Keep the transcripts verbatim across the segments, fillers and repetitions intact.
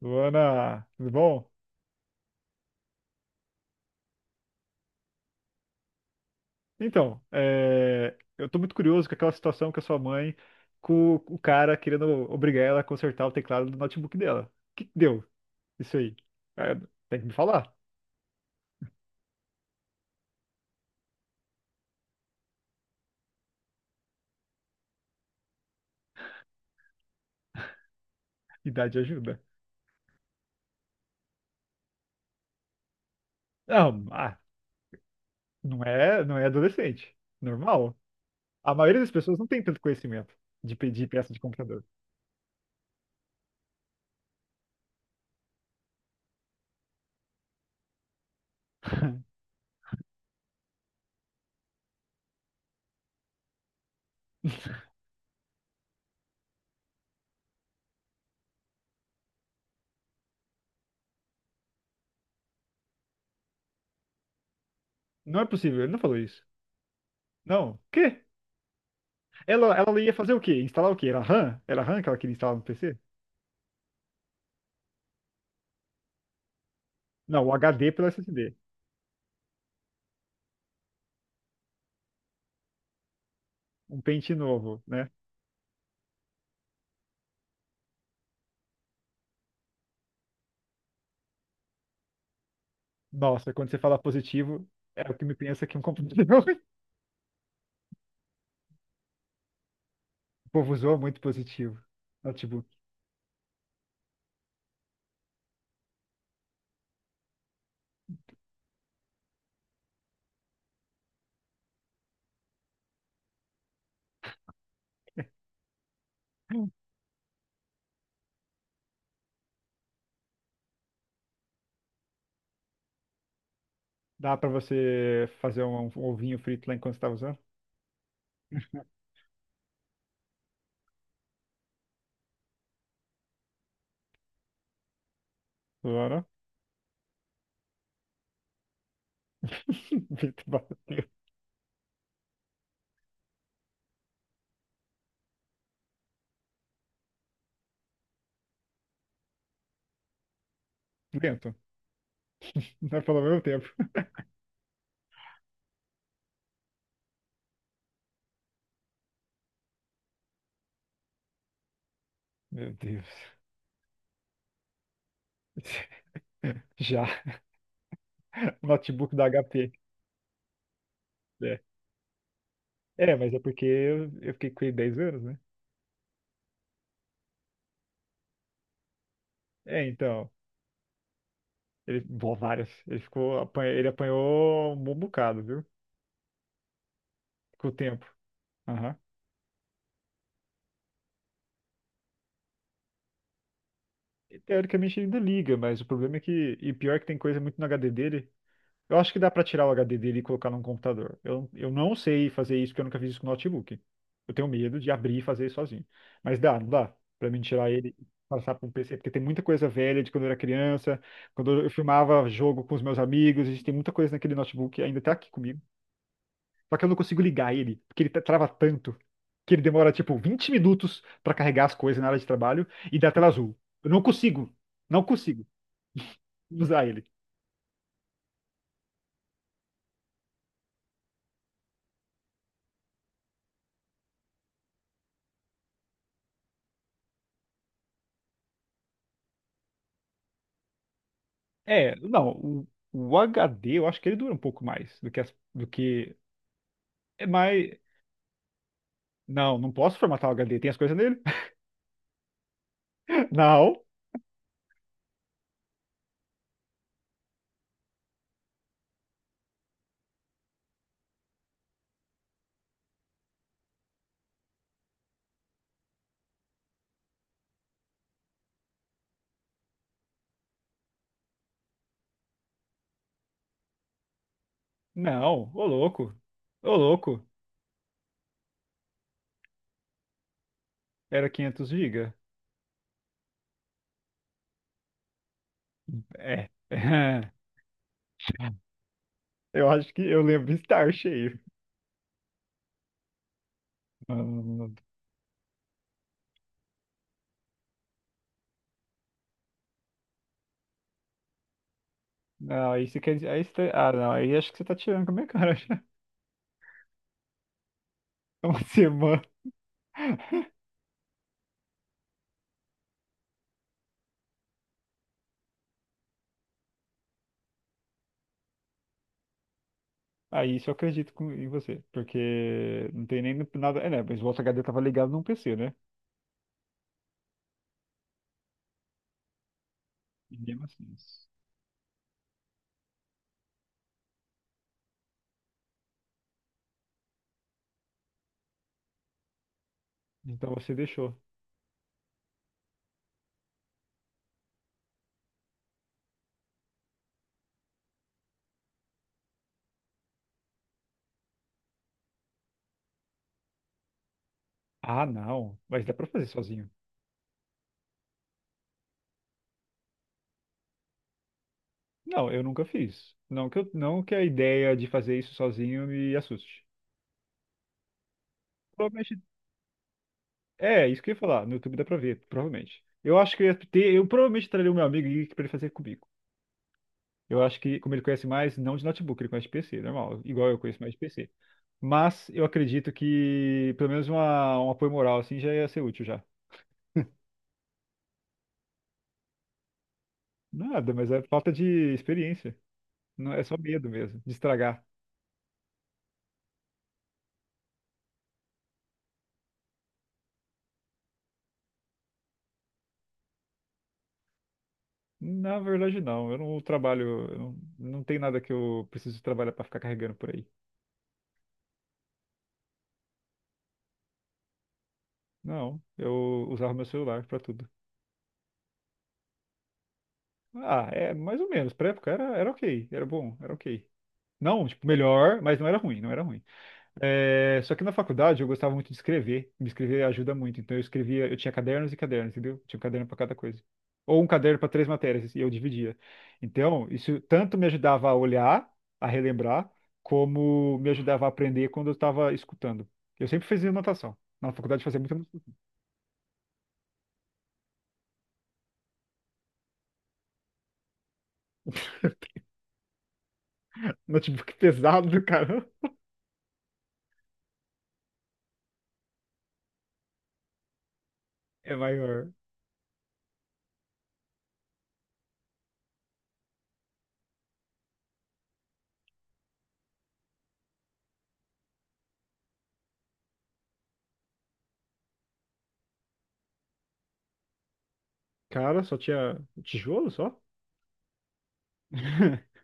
Luana, tudo bom? Então, é, eu tô muito curioso com aquela situação com a sua mãe, com o cara querendo obrigar ela a consertar o teclado do notebook dela. O que que deu isso aí? É, tem que me falar. Idade ajuda. Não, ah, não é, não é adolescente. Normal. A maioria das pessoas não tem tanto conhecimento de pedir peça de computador. Não é possível, ele não falou isso. Não. O quê? Ela, ela ia fazer o quê? Instalar o quê? Era RAM? Era RAM que ela queria instalar no PC? Não, o H D pelo S S D. um pente novo, né? Nossa, quando você fala positivo, é o que me pensa que é um computador. O povo usou muito positivo. Notebook. Dá pra você fazer um, um ovinho frito lá enquanto você tá usando? Claro. Frito bateu. Lento. Não é pelo mesmo tempo. Meu Deus. Já. Notebook da H P. É, é mas é porque eu, eu fiquei com ele dez anos, né? É, então. Ele, bom, várias. Ele ficou, apanha- ele apanhou um bom bocado, viu? Com o tempo. Aham. Teoricamente ele ainda liga, mas o problema é que. E pior que tem coisa muito no H D dele. Eu acho que dá pra tirar o H D dele e colocar num computador. Eu, eu não sei fazer isso porque eu nunca fiz isso com notebook. Eu tenho medo de abrir e fazer isso sozinho. Mas dá, não dá pra mim tirar ele e passar pra um P C, porque tem muita coisa velha de quando eu era criança, quando eu filmava jogo com os meus amigos, a gente tem muita coisa naquele notebook, ainda tá aqui comigo. Só que eu não consigo ligar ele, porque ele tra- trava tanto que ele demora tipo vinte minutos pra carregar as coisas na área de trabalho e dá tela azul. Eu não consigo, não consigo usar ele. É, não, o, o H D eu acho que ele dura um pouco mais do que as- do que é mais. Não, não posso formatar o H D, tem as coisas nele? Não, não, ô louco. Ô louco, era quinhentos GB. É. Eu acho que eu lembro de estar cheio. Não, aí você quer dizer. Aí você tá- Ah, não, aí acho que você tá tirando com a minha cara já. Uma semana. Aí isso eu acredito com- em você. Porque não tem nem no- nada. É, né? Mas o outro H D tava ligado num P C, né? E mesmo assim. Então você deixou. Ah, não. Mas dá pra fazer sozinho. Não, eu nunca fiz. Não que, eu, não que a ideia de fazer isso sozinho me assuste. Provavelmente. É, isso que eu ia falar. No YouTube dá pra ver, provavelmente. Eu acho que eu ia ter. Eu provavelmente traria o meu amigo e- pra ele fazer comigo. Eu acho que, como ele conhece mais, não de notebook, ele conhece de P C, normal, igual eu conheço mais de P C. Mas eu acredito que pelo menos uma, um apoio moral assim já ia ser útil já. Nada, mas é falta de experiência. Não, é só medo mesmo, de estragar. Na verdade, não. Eu não trabalho, eu não, não tem nada que eu preciso trabalhar para ficar carregando por aí. Não, eu usava meu celular para tudo. Ah, é mais ou menos. Pra época era, era ok, era bom, era ok. Não, tipo, melhor, mas não era ruim, não era ruim. É, só que na faculdade eu gostava muito de escrever. Me escrever ajuda muito. Então eu escrevia, eu tinha cadernos e cadernos, entendeu? Tinha um caderno para cada coisa. Ou um caderno para três matérias, e eu dividia. Então, isso tanto me ajudava a olhar, a relembrar, como me ajudava a aprender quando eu estava escutando. Eu sempre fazia anotação. Na faculdade eu fazia muito anotação. notebook pesado, cara. É maior. Cara, só tinha tijolo só?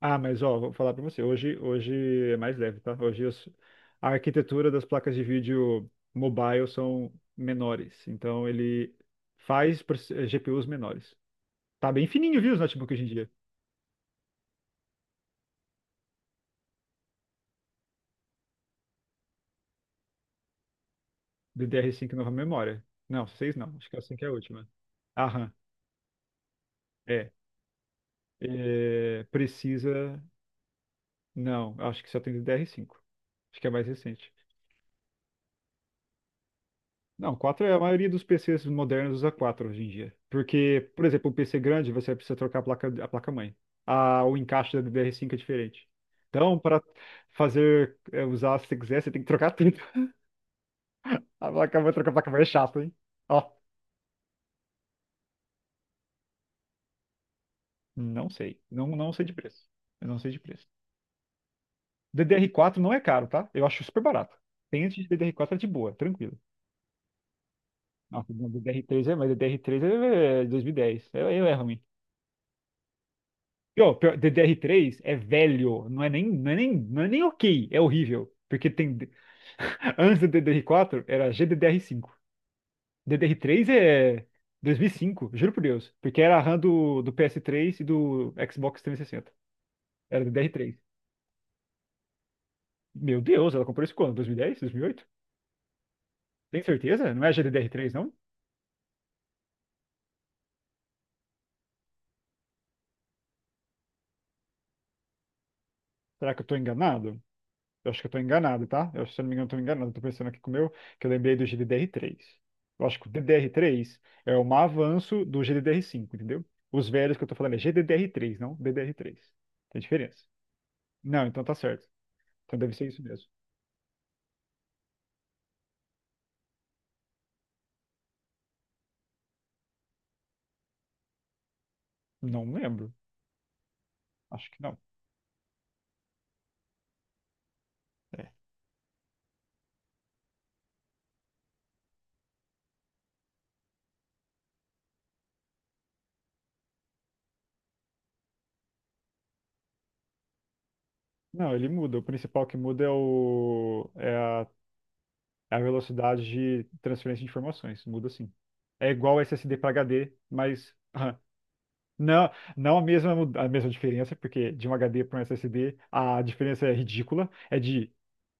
Ah, mas ó, vou falar pra você. Hoje, hoje é mais leve, tá? Hoje os- a arquitetura das placas de vídeo mobile são menores. Então ele faz proce- eh, G P Us menores. Tá bem fininho, viu, os notebooks hoje em dia? D D R cinco nova memória. Não, seis não. Acho que a cinco é a última. Aham, é. É, Precisa. Não, acho que só tem D D R cinco. Acho que é mais recente. Não, quatro é a maioria dos P Cs modernos usa quatro hoje em dia. Porque, por exemplo, um P C grande, você precisa trocar a placa, a placa-mãe. A, o encaixe da DDR cinco é diferente. Então, para fazer, é, usar se você quiser, você tem que trocar tudo. A placa-mãe, trocar a placa-mãe é chato, hein? Ó, não sei. Não, não sei de preço. Eu não sei de preço. DDR quatro não é caro, tá? Eu acho super barato. Tem antes de DDR quatro é de boa, tranquilo. Nossa, DDR três é, mas DDR três é dois mil e dez. É, é é ruim. E, ó, pior, D D R três é velho, não é nem, não é nem, não é nem ok, é horrível. Porque tem, antes do D D R quatro era G D D R cinco. D D R três é dois mil e cinco, juro por Deus. Porque era a RAM do, do P S três e do Xbox três sessenta. Era D D R três. Meu Deus, ela comprou isso quando? dois mil e dez? dois mil e oito? Tem certeza? Não é G D D R três, não? Será que eu tô enganado? Eu acho que eu tô enganado, tá? Eu, acho se eu não me engano, eu tô enganado. Eu tô pensando aqui com o meu, que eu lembrei do G D D R três. Eu acho que o D D R três é um avanço do G D D R cinco, entendeu? Os velhos que eu tô falando é G D D R três, não D D R três. Tem diferença. Não, então tá certo. Então deve ser isso mesmo. Não lembro. Acho que não. É. Não, ele muda. O principal que muda é, o, é a, é a velocidade de transferência de informações. Muda sim. É igual S S D para H D, mas RAM. Não, não a mesma, mu- a mesma diferença, porque de um H D para um S S D a diferença é ridícula. É de,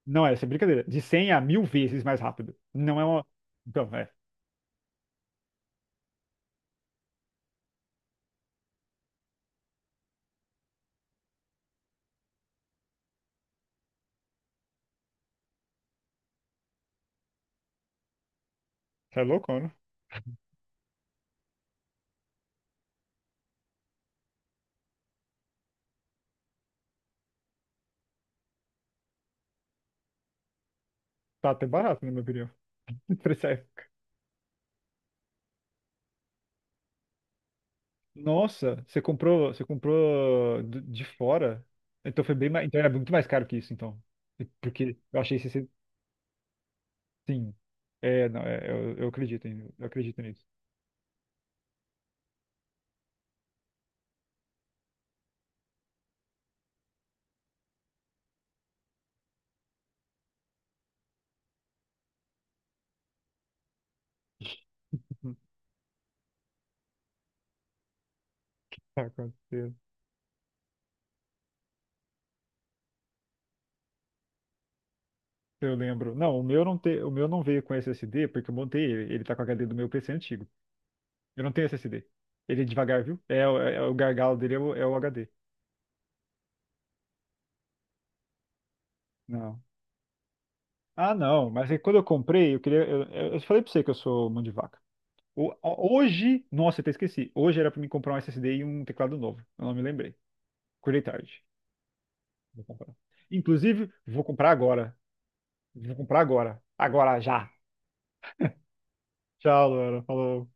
não é, isso é brincadeira, de cem a mil vezes mais rápido. Não é uma. Então, é, você é louco, né? Tá até barato, na minha opinião. Preço é- Nossa, você comprou, você comprou do- de fora? Então foi bem mais, então era muito mais caro que isso, então. Porque eu achei esse, sim. É, não, é, eu, eu acredito, em- eu acredito nisso. Tá, com certeza. Eu lembro. Não, o meu não te... o meu não veio com S S D porque eu montei ele. Ele tá com o H D do meu P C antigo. Eu não tenho S S D. Ele é devagar, viu? É, o- é, o gargalo dele é o, é o H D. Não. Ah, não. Mas é que quando eu comprei, eu queria. Eu, eu- eu falei pra você que eu sou mão de vaca. O- hoje. Nossa, eu até esqueci. Hoje era pra mim comprar um S S D e um teclado novo. Eu não me lembrei. Acordei tarde. Vou comprar. Inclusive, vou comprar agora. Vou comprar agora. Agora já. Tchau, Laura. Falou.